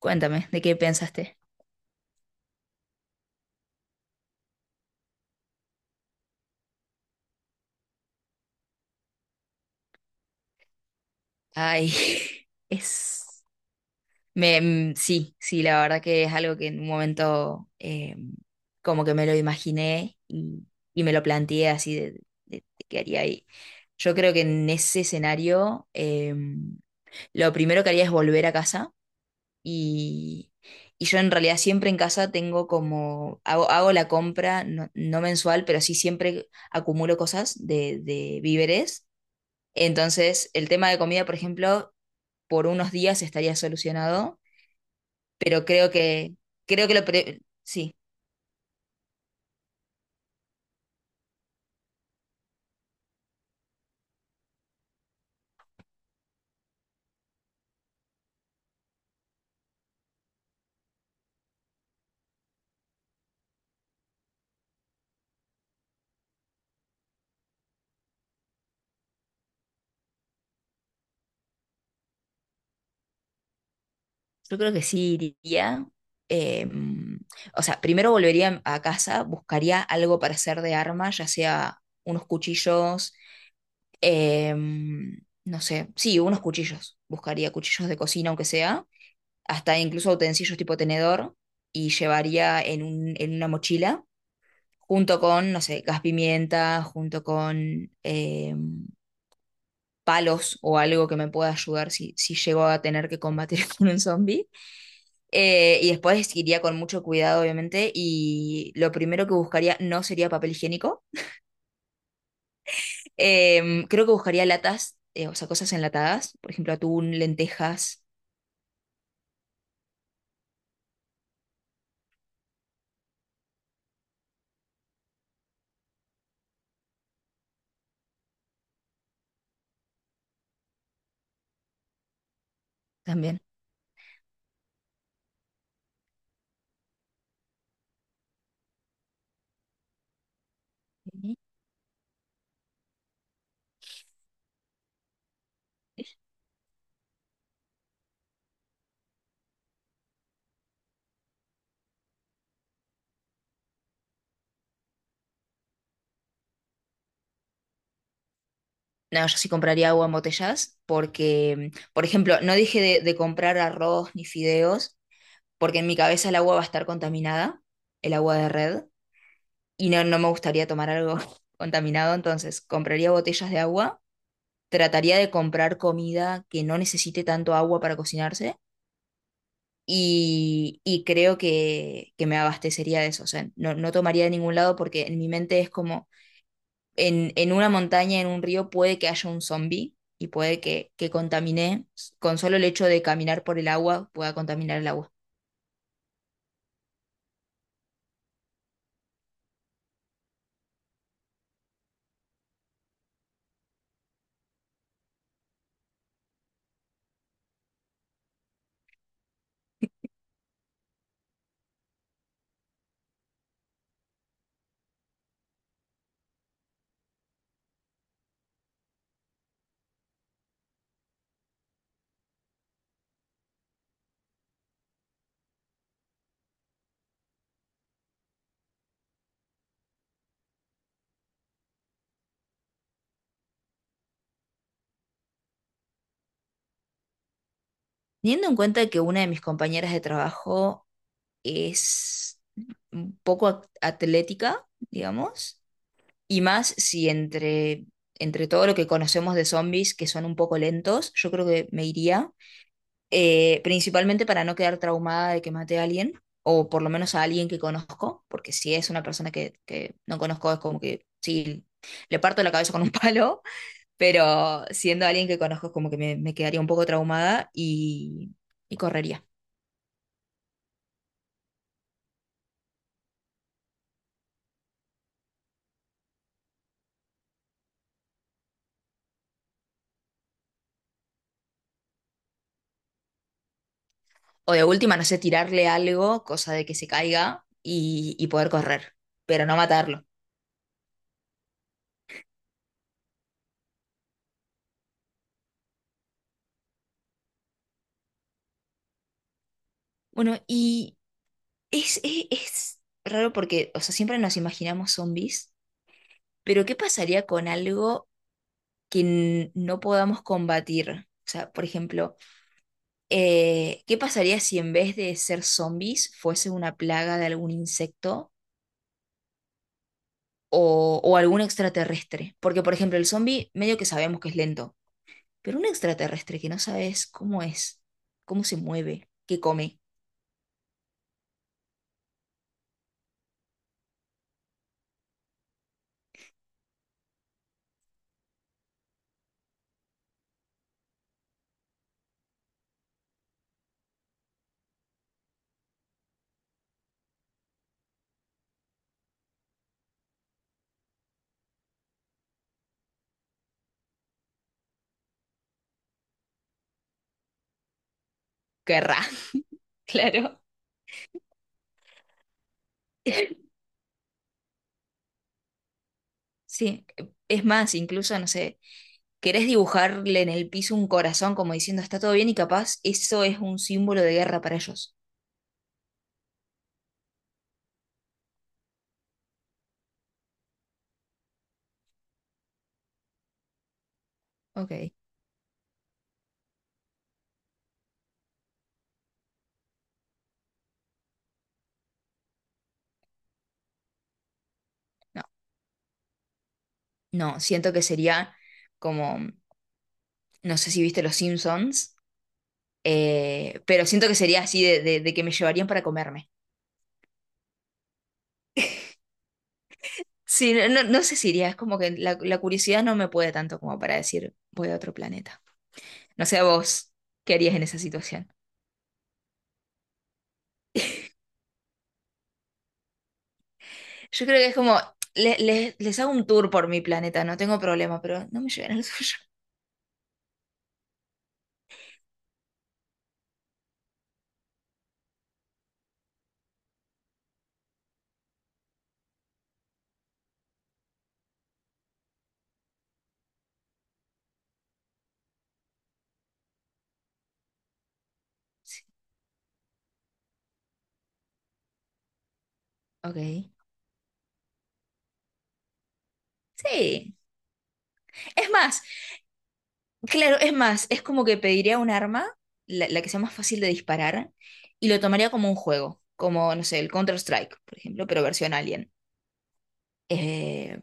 Cuéntame, ¿de qué pensaste? Ay, es... sí, sí, la verdad que es algo que en un momento como que me lo imaginé y me lo planteé así de qué haría ahí. Yo creo que en ese escenario lo primero que haría es volver a casa y, y yo en realidad siempre en casa tengo como, hago la compra, no mensual, pero sí siempre acumulo cosas de víveres. Entonces, el tema de comida, por ejemplo, por unos días estaría solucionado, pero creo que sí, yo creo que sí iría. Eh, o sea, primero volvería a casa, buscaría algo para hacer de arma, ya sea unos cuchillos, no sé, sí, unos cuchillos. Buscaría cuchillos de cocina, aunque sea, hasta incluso utensilios tipo tenedor, y llevaría en en una mochila junto con, no sé, gas pimienta, junto con palos o algo que me pueda ayudar si, si llego a tener que combatir con un zombie. Y después iría con mucho cuidado, obviamente, y lo primero que buscaría no sería papel higiénico. Creo que buscaría latas, o sea, cosas enlatadas, por ejemplo, atún, lentejas también. Ujú. No, yo sí compraría agua en botellas porque, por ejemplo, no dije de comprar arroz ni fideos porque en mi cabeza el agua va a estar contaminada, el agua de red, y no me gustaría tomar algo contaminado, entonces compraría botellas de agua, trataría de comprar comida que no necesite tanto agua para cocinarse. Y creo que me abastecería de eso. O sea, no tomaría de ningún lado porque en mi mente es como, en una montaña, en un río, puede que haya un zombie y puede que contamine, con solo el hecho de caminar por el agua, pueda contaminar el agua. Teniendo en cuenta que una de mis compañeras de trabajo es un poco atlética, digamos, y más si entre todo lo que conocemos de zombies, que son un poco lentos, yo creo que me iría, principalmente para no quedar traumada de que mate a alguien, o por lo menos a alguien que conozco, porque si es una persona que no conozco es como que sí, le parto la cabeza con un palo, pero siendo alguien que conozco es como que me quedaría un poco traumada y correría. O de última, no sé, tirarle algo, cosa de que se caiga y poder correr, pero no matarlo. Bueno, y es raro porque, o sea, siempre nos imaginamos zombies, pero ¿qué pasaría con algo que no podamos combatir? O sea, por ejemplo, ¿qué pasaría si en vez de ser zombies fuese una plaga de algún insecto o algún extraterrestre? Porque, por ejemplo, el zombie medio que sabemos que es lento. Pero un extraterrestre que no sabes cómo es, cómo se mueve, qué come, qué erra. Claro. Sí, es más, incluso, no sé, querés dibujarle en el piso un corazón como diciendo está todo bien y capaz eso es un símbolo de guerra para ellos. Ok, no, no, siento que sería como, no sé si viste Los Simpsons, pero siento que sería así de que me llevarían para comerme. Sí, no, no sé si iría, es como que la curiosidad no me puede tanto como para decir voy a otro planeta. No sé a vos qué harías en esa situación. Yo creo que es como, les hago un tour por mi planeta, no tengo problema, pero no me lleven al suyo. Sí, ok. Sí. Es más, claro, es más, es como que pediría un arma, la que sea más fácil de disparar, y lo tomaría como un juego, como, no sé, el Counter-Strike, por ejemplo, pero versión Alien. Eh,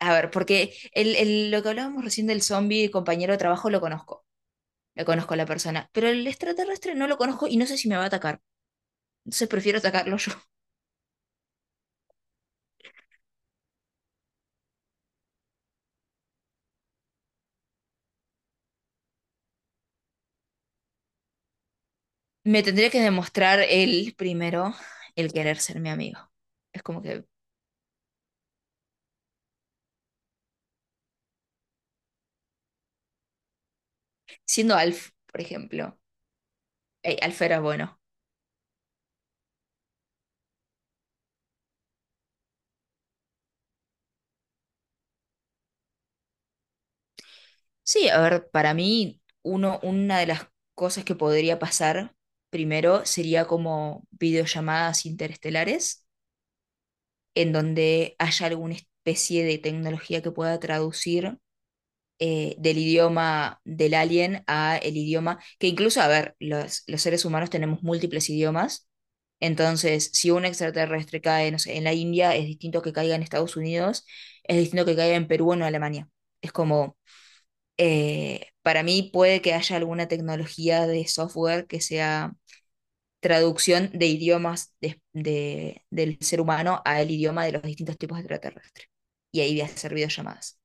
a ver, porque lo que hablábamos recién del zombie compañero de trabajo lo conozco a la persona, pero el extraterrestre no lo conozco y no sé si me va a atacar, entonces prefiero atacarlo yo. Me tendría que demostrar él primero el querer ser mi amigo. Es como que, siendo Alf, por ejemplo, hey, Alf era bueno. Sí, a ver, para mí, una de las cosas que podría pasar primero sería como videollamadas interestelares, en donde haya alguna especie de tecnología que pueda traducir del idioma del alien a el idioma, que incluso, a ver, los seres humanos tenemos múltiples idiomas, entonces si un extraterrestre cae, no sé, en la India, es distinto que caiga en Estados Unidos, es distinto que caiga en Perú o en Alemania. Es como, para mí puede que haya alguna tecnología de software que sea traducción de idiomas del ser humano al idioma de los distintos tipos de extraterrestres. Y ahí voy a hacer videollamadas.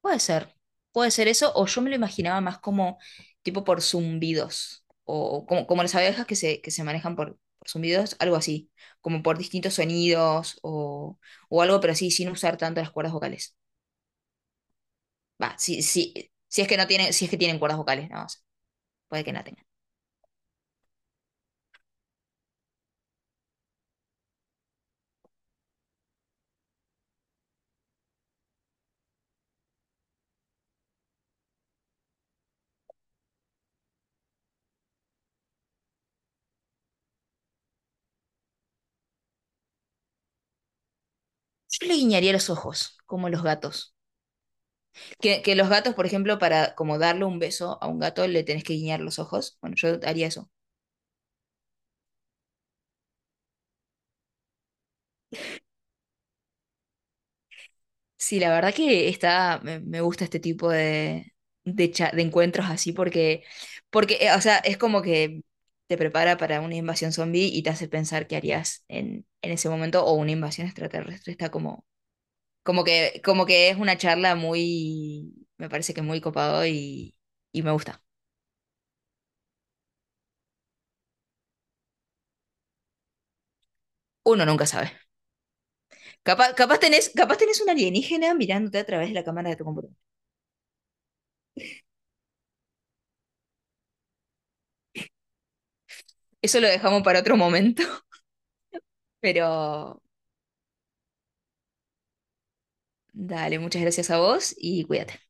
Puede ser, puede ser eso, o yo me lo imaginaba más como tipo por zumbidos, o como, como las abejas que que se manejan por zumbidos, algo así, como por distintos sonidos o algo, pero sí, sin usar tanto las cuerdas vocales. Va, sí, sí, si es que no tienen, si es que tienen cuerdas vocales, no, o sea, puede que no tengan. Yo le guiñaría los ojos, como los gatos. Que los gatos, por ejemplo, para como darle un beso a un gato, le tenés que guiñar los ojos. Bueno, yo haría eso. Sí, la verdad que está, me gusta este tipo de encuentros así porque, porque, o sea, es como que te prepara para una invasión zombie y te hace pensar qué harías en ese momento o una invasión extraterrestre. Está como, como que es una charla muy, me parece que muy copado y me gusta. Uno nunca sabe. Capaz, capaz tenés un alienígena mirándote a través de la cámara de tu computadora. Eso lo dejamos para otro momento, pero dale, muchas gracias a vos y cuídate.